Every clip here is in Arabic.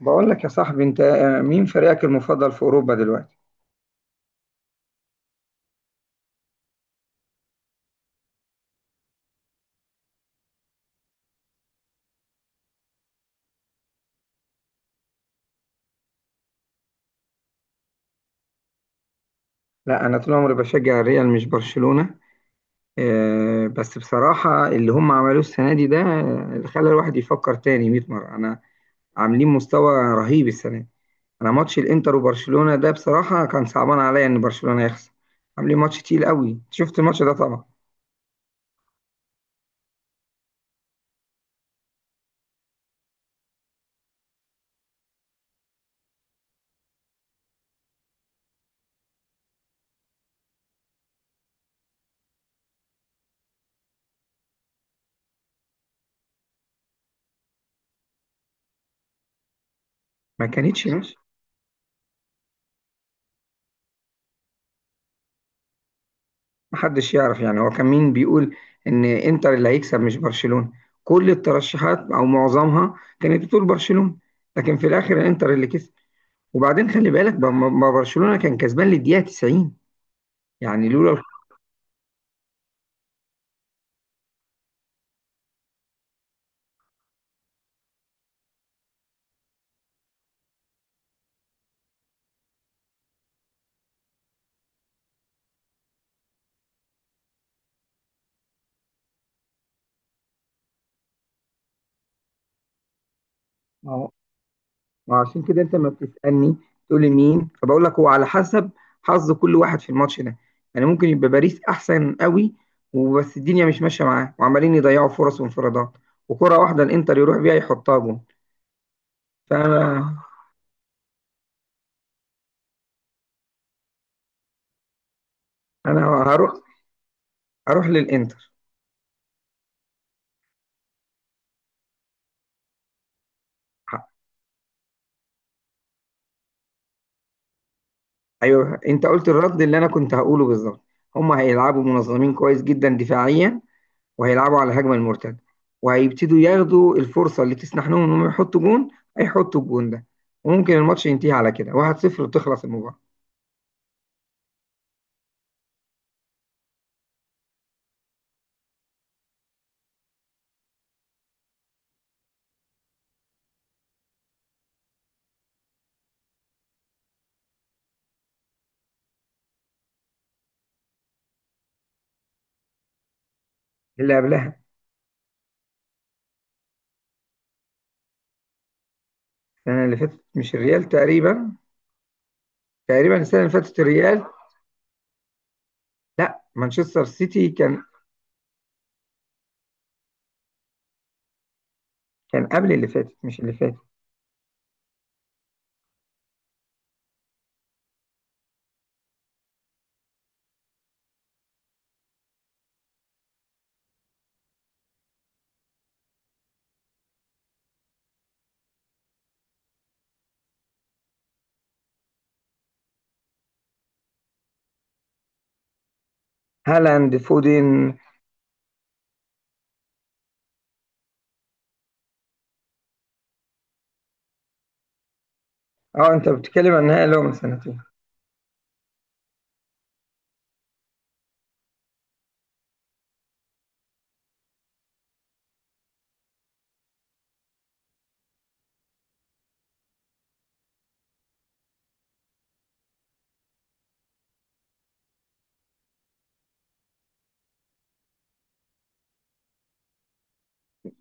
بقول لك يا صاحبي انت، مين فريقك المفضل في اوروبا دلوقتي؟ لا، انا طول عمري بشجع الريال مش برشلونة. بس بصراحة اللي هم عملوه السنة دي ده، اللي خلى الواحد يفكر تاني 100 مرة. انا عاملين مستوى رهيب السنة دي. انا ماتش الانتر وبرشلونة ده بصراحة كان صعبان عليا ان برشلونة يخسر. عاملين ماتش تقيل قوي. شفت الماتش ده طبعا. ما كانتش ماشي. محدش يعرف، يعني هو كان مين بيقول ان انتر اللي هيكسب مش برشلونة؟ كل الترشحات او معظمها كانت بتقول برشلونة، لكن في الاخر انتر اللي كسب. وبعدين خلي بالك برشلونة كان كسبان للدقيقة 90. يعني لولا ما هو عشان كده انت ما بتسألني تقول لي مين، فبقول لك هو على حسب حظ كل واحد في الماتش ده. يعني ممكن يبقى باريس احسن قوي وبس الدنيا مش ماشية معاه وعمالين يضيعوا فرص وانفرادات، وكرة واحدة الانتر يروح بيها يحطها جون. فانا انا هروح، اروح للانتر. ح- ايوه، انت قلت الرد اللي انا كنت هقوله بالظبط. هم هيلعبوا منظمين كويس جدا دفاعيا، وهيلعبوا على الهجمه المرتده، وهيبتدوا ياخدوا الفرصه اللي تسنح لهم انهم يحطوا جون. هيحطوا الجون ده وممكن الماتش ينتهي على كده 1-0 وتخلص المباراه. اللي قبلها؟ السنه اللي فاتت مش الريال تقريبا. تقريبا السنه اللي فاتت الريال. لا، مانشستر سيتي كان. كان قبل اللي فاتت مش اللي فاتت. هالاند، فودين. اه، انت بتتكلم عن النهائي اللي هو من سنتين.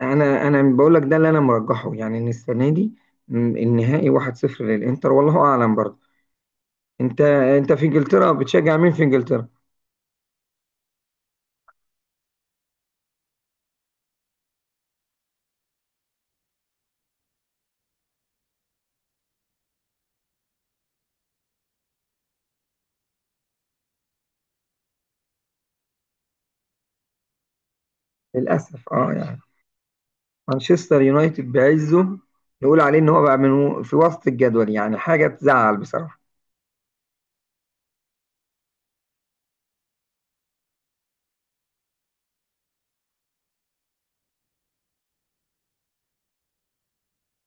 انا بقول لك ده اللي انا مرجحه، يعني ان السنه دي، النهائي 1-0 للانتر، والله اعلم برضه. انت في انجلترا بتشجع مين في انجلترا؟ للاسف، اه يعني، مانشستر يونايتد بعزه نقول عليه ان هو بقى من في وسط الجدول. يعني حاجه تزعل بصراحه.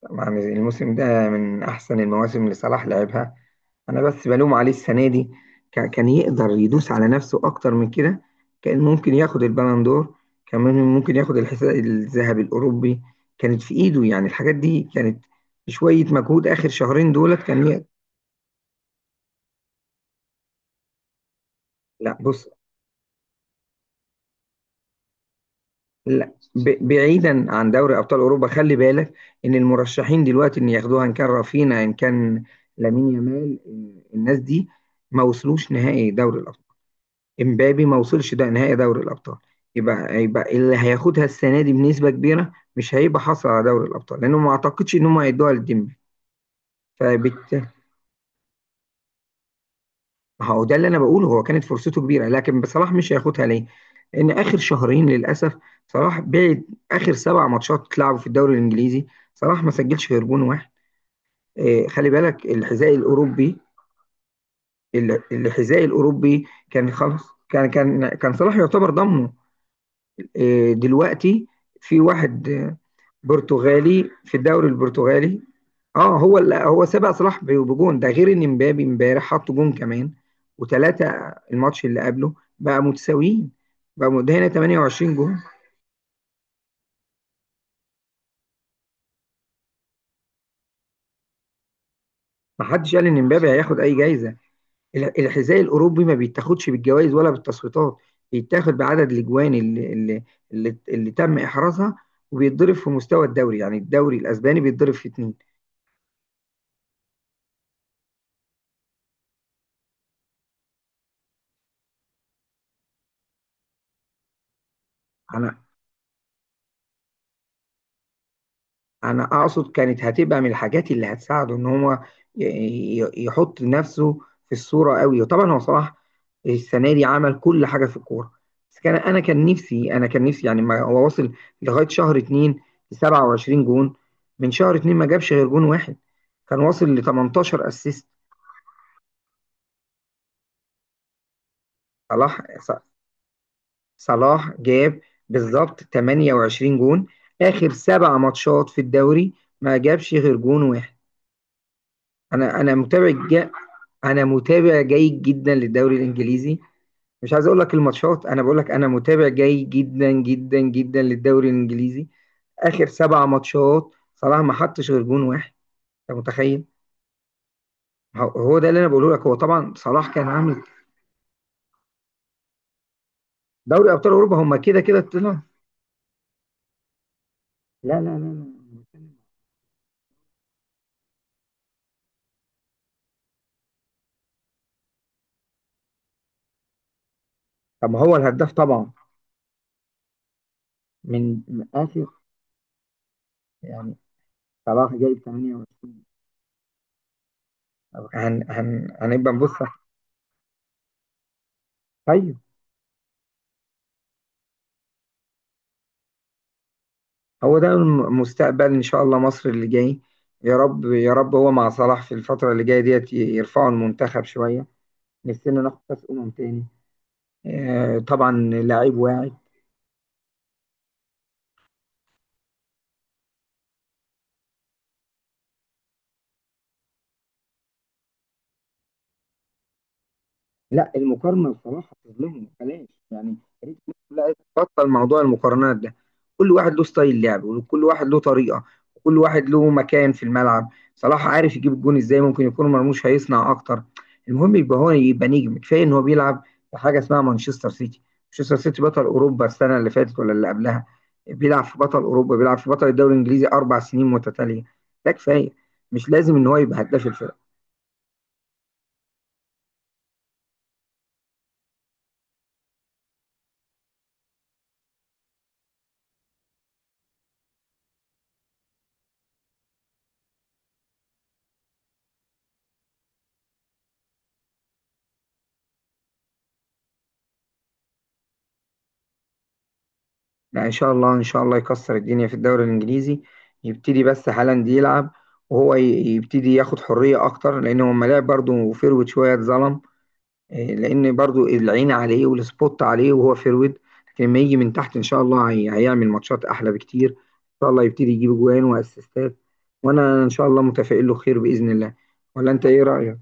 طبعاً الموسم ده من احسن المواسم اللي صلاح لعبها. انا بس بلوم عليه السنه دي. كان يقدر يدوس على نفسه اكتر من كده. كان ممكن ياخد البالون دور. كان ممكن ياخد الحذاء الذهبي الاوروبي. كانت في ايده يعني الحاجات دي كانت. شويه مجهود اخر شهرين دولت كان. لا، بص، لا، بعيدا عن دوري ابطال اوروبا، خلي بالك ان المرشحين دلوقتي ان ياخدوها، ان كان رافينا، ان كان لامين يامال، الناس دي ما وصلوش نهائي دوري الابطال. امبابي ما وصلش ده نهائي دوري الابطال. يبقى اللي هياخدها السنه دي بنسبه كبيره مش هيبقى حصل على دوري الابطال، لانه ما اعتقدش ان هم هيدوها لديمبلي. فبالتالي، ما هو ده اللي انا بقوله. هو كانت فرصته كبيره لكن صلاح مش هياخدها ليه؟ لان اخر شهرين للاسف صلاح بعد اخر سبع ماتشات اتلعبوا في الدوري الانجليزي، صلاح ما سجلش غير جون واحد. إيه، خلي بالك، الحذاء الاوروبي، الحذاء الاوروبي كان خلاص، كان صلاح يعتبر ضمنه. إيه دلوقتي؟ في واحد برتغالي في الدوري البرتغالي. اه، هو هو سبق صلاح بجون، ده غير ان مبابي امبارح حط جون كمان وثلاثه، الماتش اللي قبله، بقى متساويين. بقى ده هنا 28 جون. ما حدش قال ان مبابي هياخد اي جايزه. الحذاء الاوروبي ما بيتاخدش بالجوائز ولا بالتصويتات، بيتاخد بعدد الاجوان اللي اللي تم احرازها، وبيتضرب في مستوى الدوري، يعني الدوري الاسباني بيتضرب في اتنين. على، انا اقصد كانت هتبقى من الحاجات اللي هتساعده ان هو ي- يحط نفسه في الصورة قوي. وطبعا هو صلاح السنة دي عمل كل حاجة في الكورة، بس كان انا كان نفسي، يعني ما هو وصل لغاية شهر اتنين ل 27 جون. من شهر اتنين ما جابش غير جون واحد. كان واصل ل 18 اسيست. صلاح ص- صلاح جاب بالظبط 28 جون. اخر سبع ماتشات في الدوري ما جابش غير جون واحد. انا متابع انا متابع جيد جدا للدوري الانجليزي. مش عايز اقول لك الماتشات، انا بقول لك انا متابع جيد جدا جدا جدا للدوري الانجليزي. اخر سبع ماتشات صلاح ما حطش غير جون واحد، انت متخيل؟ هو ده اللي انا بقوله لك. هو طبعا صلاح كان عامل دوري ابطال اوروبا، هم كده كده طلعوا. لا لا لا لا. طب ما هو الهداف طبعا. من اخر، يعني صلاح جايب 28. هن هن هنبقى نبص. طيب. هو ده المستقبل ان شاء الله، مصر اللي جاي. يا رب يا رب هو مع صلاح في الفتره اللي جايه ديت يرفعوا المنتخب شويه. نفسنا ناخد كاس تاني. طبعا لعيب واعد. لا، المقارنه بصراحه تظلمهم، بلاش يعني. يا ريت الناس كلها تبطل موضوع المقارنات ده. كل واحد له ستايل لعب، وكل واحد له طريقه، وكل واحد له مكان في الملعب. صلاح عارف يجيب الجون ازاي، ممكن يكون مرموش هيصنع اكتر. المهم يبقى هو يبقى نجم. كفايه ان هو بيلعب في حاجه اسمها مانشستر سيتي. مانشستر سيتي بطل اوروبا السنه اللي فاتت ولا اللي قبلها. بيلعب في بطل اوروبا، بيلعب في بطل الدوري الانجليزي اربع سنين متتاليه، ده كفايه. مش لازم ان هو يبقى هداف الفريق. لا، ان شاء الله ان شاء الله يكسر الدنيا في الدوري الانجليزي. يبتدي بس هالاند يلعب وهو يبتدي ياخد حريه اكتر، لان هو لما لعب برضه فيرويد شويه اتظلم. إيه، لان برضه العين عليه والسبوت عليه وهو فيرويد. لكن لما يجي من تحت ان شاء الله هيعمل ماتشات احلى بكتير. ان شاء الله يبتدي يجيب جوان واسيستات. وانا ان شاء الله متفائل له خير باذن الله. ولا انت ايه رايك؟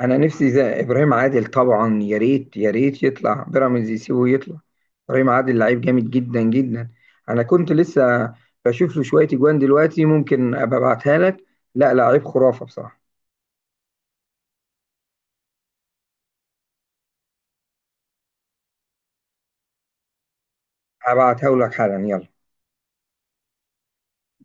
انا نفسي زي ابراهيم عادل طبعا، يا ريت يا ريت يطلع بيراميدز يسيبه يطلع. ابراهيم عادل لعيب جامد جدا جدا. انا كنت لسه بشوف له شويه اجوان دلوقتي، ممكن ابقى ابعتها لك. لا، لعيب خرافه بصراحه. هبعتها لك حالا، يلا.